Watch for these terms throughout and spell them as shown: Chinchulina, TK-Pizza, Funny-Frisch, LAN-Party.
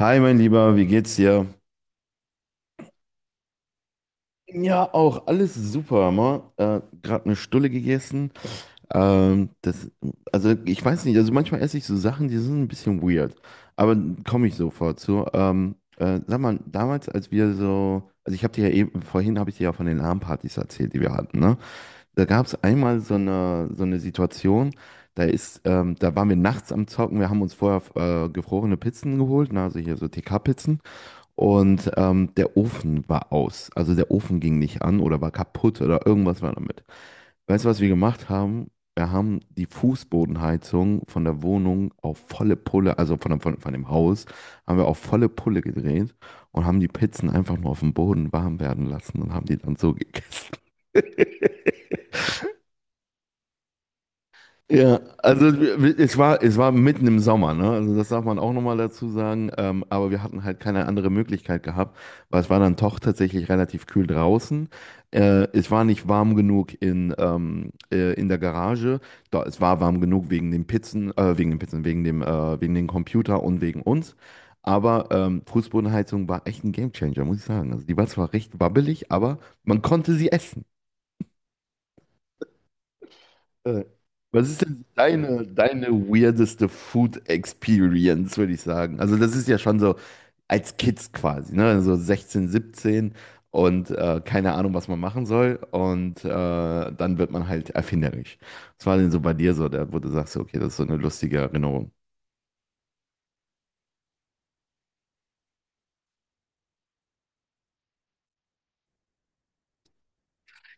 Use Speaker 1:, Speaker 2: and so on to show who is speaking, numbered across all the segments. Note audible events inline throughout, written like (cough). Speaker 1: Hi, mein Lieber, wie geht's dir? Ja, auch alles super, ma. Gerade eine Stulle gegessen. Ähm, das, also ich weiß nicht, also manchmal esse ich so Sachen, die sind ein bisschen weird, aber komme ich sofort zu. Sag mal, damals, als wir so, also ich habe dir ja eben, vorhin habe ich dir ja von den LAN-Partys erzählt, die wir hatten, ne? Da gab es einmal so eine Situation, da waren wir nachts am Zocken, wir haben uns vorher gefrorene Pizzen geholt, ne? Also hier so TK-Pizzen. Und der Ofen war aus. Also der Ofen ging nicht an oder war kaputt oder irgendwas war damit. Weißt du, was wir gemacht haben? Wir haben die Fußbodenheizung von der Wohnung auf volle Pulle, also von dem Haus, haben wir auf volle Pulle gedreht und haben die Pizzen einfach nur auf dem Boden warm werden lassen und haben die dann so (laughs) gegessen. Ja, also es war mitten im Sommer, ne? Also das darf man auch nochmal dazu sagen. Aber wir hatten halt keine andere Möglichkeit gehabt, weil es war dann doch tatsächlich relativ kühl draußen. Es war nicht warm genug in der Garage. Da, es war warm genug wegen den Pizzen, wegen dem Computer und wegen uns. Aber Fußbodenheizung war echt ein Gamechanger, muss ich sagen. Also die war zwar recht wabbelig, aber man konnte sie essen. Äh, Was ist denn deine weirdeste Food Experience, würde ich sagen? Also, das ist ja schon so als Kids quasi, ne? So 16, 17 und keine Ahnung, was man machen soll. Und dann wird man halt erfinderisch. Was war denn so bei dir so, da, wo du sagst, okay, das ist so eine lustige Erinnerung?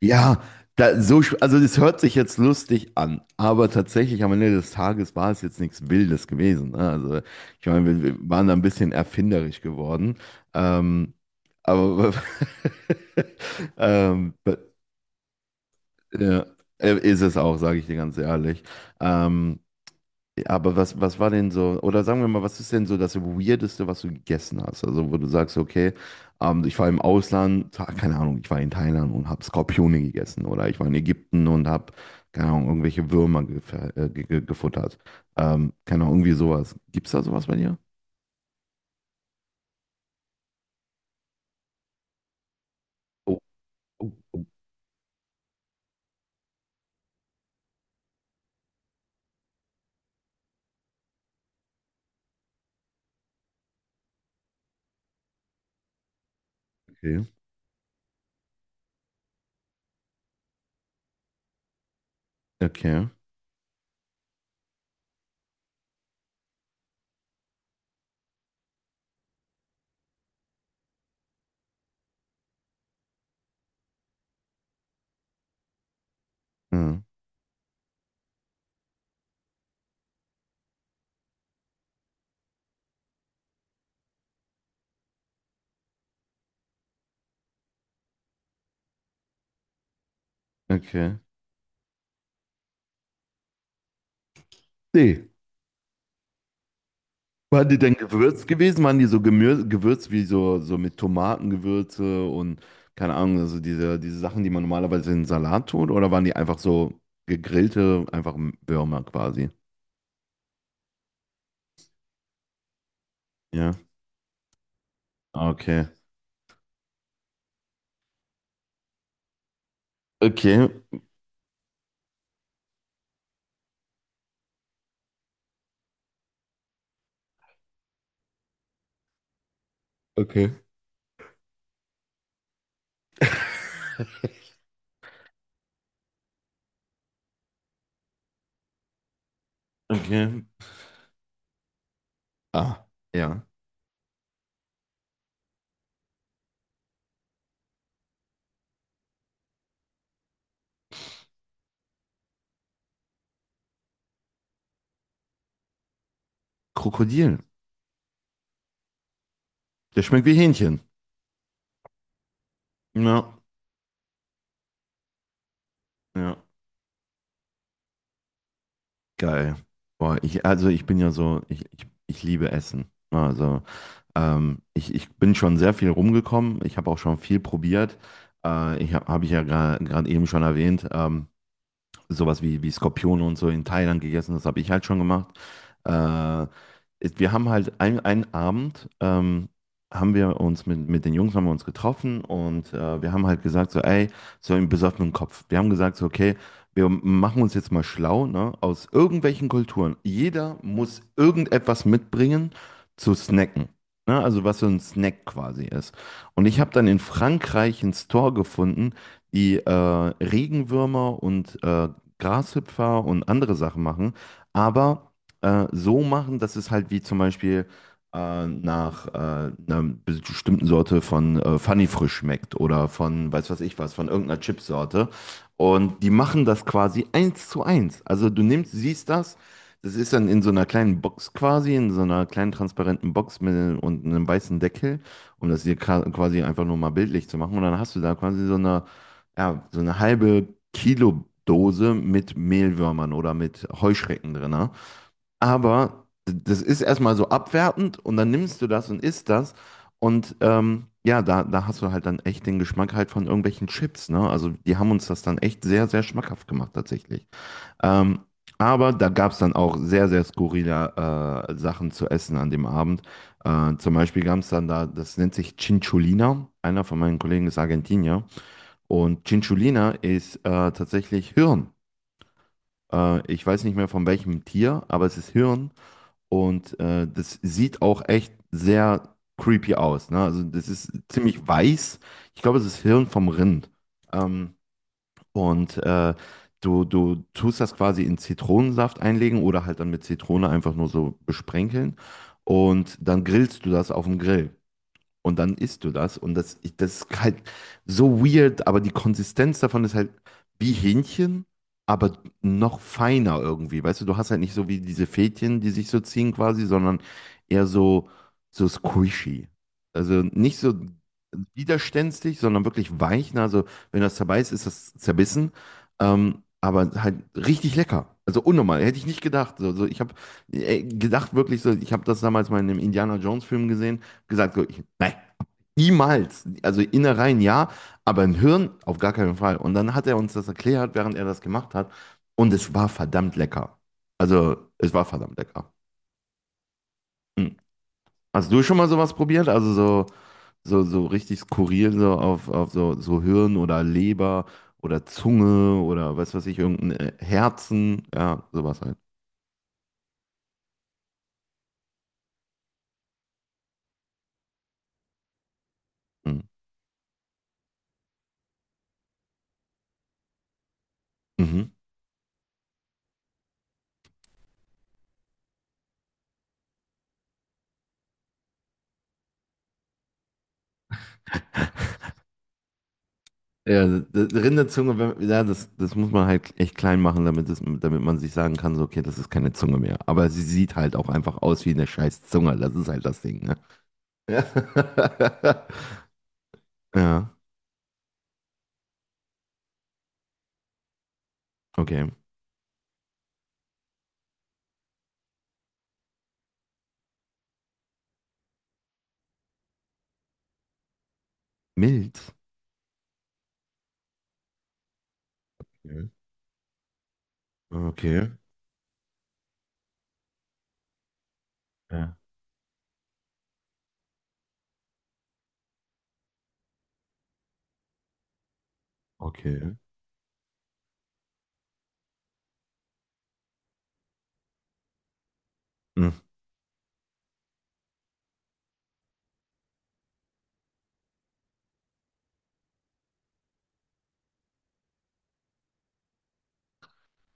Speaker 1: Ja, also das hört sich jetzt lustig an, aber tatsächlich am Ende des Tages war es jetzt nichts Wildes gewesen. Ne? Also ich meine, wir waren da ein bisschen erfinderisch geworden. Ähm, aber (laughs) ähm, ja, ist es auch, sage ich dir ganz ehrlich. Ähm, aber was war denn so, oder sagen wir mal, was ist denn so das Weirdeste, was du gegessen hast? Also, wo du sagst, okay, ich war im Ausland, keine Ahnung, ich war in Thailand und habe Skorpione gegessen oder ich war in Ägypten und habe, keine Ahnung, irgendwelche Würmer gefuttert. Keine Ahnung, irgendwie sowas. Gibt's da sowas bei dir? Oh, oh, okay. Okay. Ja, okay. Nee. Waren die denn gewürzt gewesen? Waren die so gemür gewürzt wie so, so mit Tomatengewürze und keine Ahnung, also diese Sachen, die man normalerweise in Salat tut? Oder waren die einfach so gegrillte, einfach Würmer quasi? Ja. Okay. Okay. Okay. (laughs) Okay. Ah, ja. Krokodil. Der schmeckt wie Hähnchen. Ja. Ja. Geil. Boah, ich, also ich bin ja so, ich liebe Essen. Also. Ich ich bin schon sehr viel rumgekommen. Ich habe auch schon viel probiert. Ich habe hab hab ich ja gerade eben schon erwähnt. Sowas wie Skorpione und so in Thailand gegessen. Das habe ich halt schon gemacht. Äh, Wir haben halt einen Abend, haben wir uns mit den Jungs haben wir uns getroffen und wir haben halt gesagt so, ey, so im besoffenen Kopf. Wir haben gesagt so, okay, wir machen uns jetzt mal schlau, ne, aus irgendwelchen Kulturen. Jeder muss irgendetwas mitbringen zu snacken. Ne, also was so ein Snack quasi ist. Und ich habe dann in Frankreich einen Store gefunden, die Regenwürmer und Grashüpfer und andere Sachen machen, aber so machen, dass es halt wie zum Beispiel nach einer bestimmten Sorte von Funny-Frisch schmeckt oder von weiß was ich was, von irgendeiner Chipsorte. Und die machen das quasi eins zu eins. Also du nimmst, siehst das. Das ist dann in so einer kleinen Box quasi, in so einer kleinen transparenten Box mit und einem weißen Deckel, um das hier quasi einfach nur mal bildlich zu machen. Und dann hast du da quasi so eine ja, so eine halbe Kilo Dose mit Mehlwürmern oder mit Heuschrecken drin. Ne? Aber das ist erstmal so abwertend und dann nimmst du das und isst das. Und ja, da hast du halt dann echt den Geschmack halt von irgendwelchen Chips, ne? Also die haben uns das dann echt sehr, sehr schmackhaft gemacht tatsächlich. Ähm, aber da gab es dann auch sehr, sehr skurrile Sachen zu essen an dem Abend. Zum Beispiel gab es dann da, das nennt sich Chinchulina. Einer von meinen Kollegen ist Argentinier. Und Chinchulina ist tatsächlich Hirn. Ich weiß nicht mehr von welchem Tier, aber es ist Hirn. Und das sieht auch echt sehr creepy aus. Ne? Also das ist ziemlich weiß. Ich glaube, es ist Hirn vom Rind. Ähm, und äh, du du, tust das quasi in Zitronensaft einlegen oder halt dann mit Zitrone einfach nur so besprenkeln. Und dann grillst du das auf dem Grill. Und dann isst du das. Und das ist halt so weird, aber die Konsistenz davon ist halt wie Hähnchen, aber noch feiner irgendwie. Weißt du, du hast halt nicht so wie diese Fädchen, die sich so ziehen quasi, sondern eher so, so squishy. Also nicht so widerständig, sondern wirklich weich. Na, also wenn das zerbeißt, ist das zerbissen. Aber halt richtig lecker. Also unnormal, hätte ich nicht gedacht. Also ich habe gedacht wirklich so, ich habe das damals mal in einem Indiana Jones Film gesehen, gesagt so, ich, nein, niemals. Also Innereien ja, aber ein Hirn auf gar keinen Fall. Und dann hat er uns das erklärt, während er das gemacht hat. Und es war verdammt lecker. Also, es war verdammt lecker. Hm. Hast du schon mal sowas probiert? Also so, so, so richtig skurril, so auf so, so Hirn oder Leber oder Zunge oder was weiß ich, irgendein Herzen, ja, sowas halt. Hm. Mhm. Rinderzunge, wenn, ja, das muss man halt echt klein machen, damit, es, damit man sich sagen kann, so, okay, das ist keine Zunge mehr. Aber sie sieht halt auch einfach aus wie eine scheiß Zunge. Das ist halt das Ding, ne? Ja, (laughs) ja, okay. Mild. Okay. Okay. Ja. Okay. Hm,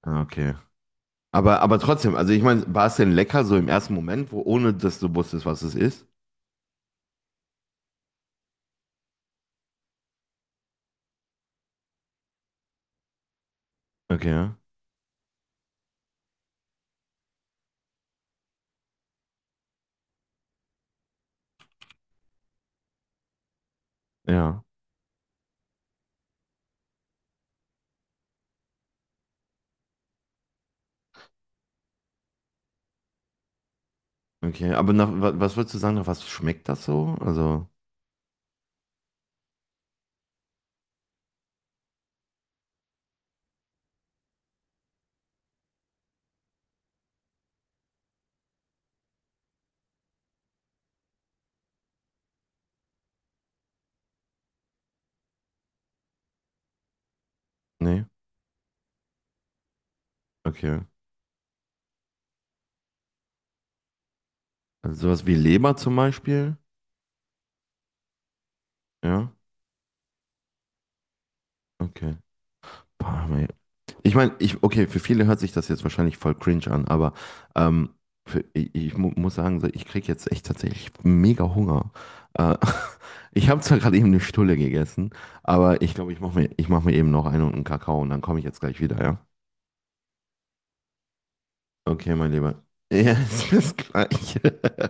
Speaker 1: ja, okay. Aber trotzdem, also ich meine, war es denn lecker so im ersten Moment, wo, ohne dass du wusstest, was es ist? Okay. Ja. Okay. Aber nach, was würdest du sagen, nach was schmeckt das so? Also, nee. Okay. Also sowas wie Leber zum Beispiel. Ja, okay. Parma- Ich meine, okay, für viele hört sich das jetzt wahrscheinlich voll cringe an, aber ähm, für, ich mu muss sagen, so, ich kriege jetzt echt tatsächlich mega Hunger. Äh, (laughs) ich habe zwar gerade eben eine Stulle gegessen, aber ich glaube, ich mach mir eben noch eine und einen Kakao und dann komme ich jetzt gleich wieder, ja? Okay, mein Lieber. Ja, (laughs) es ist das Gleiche.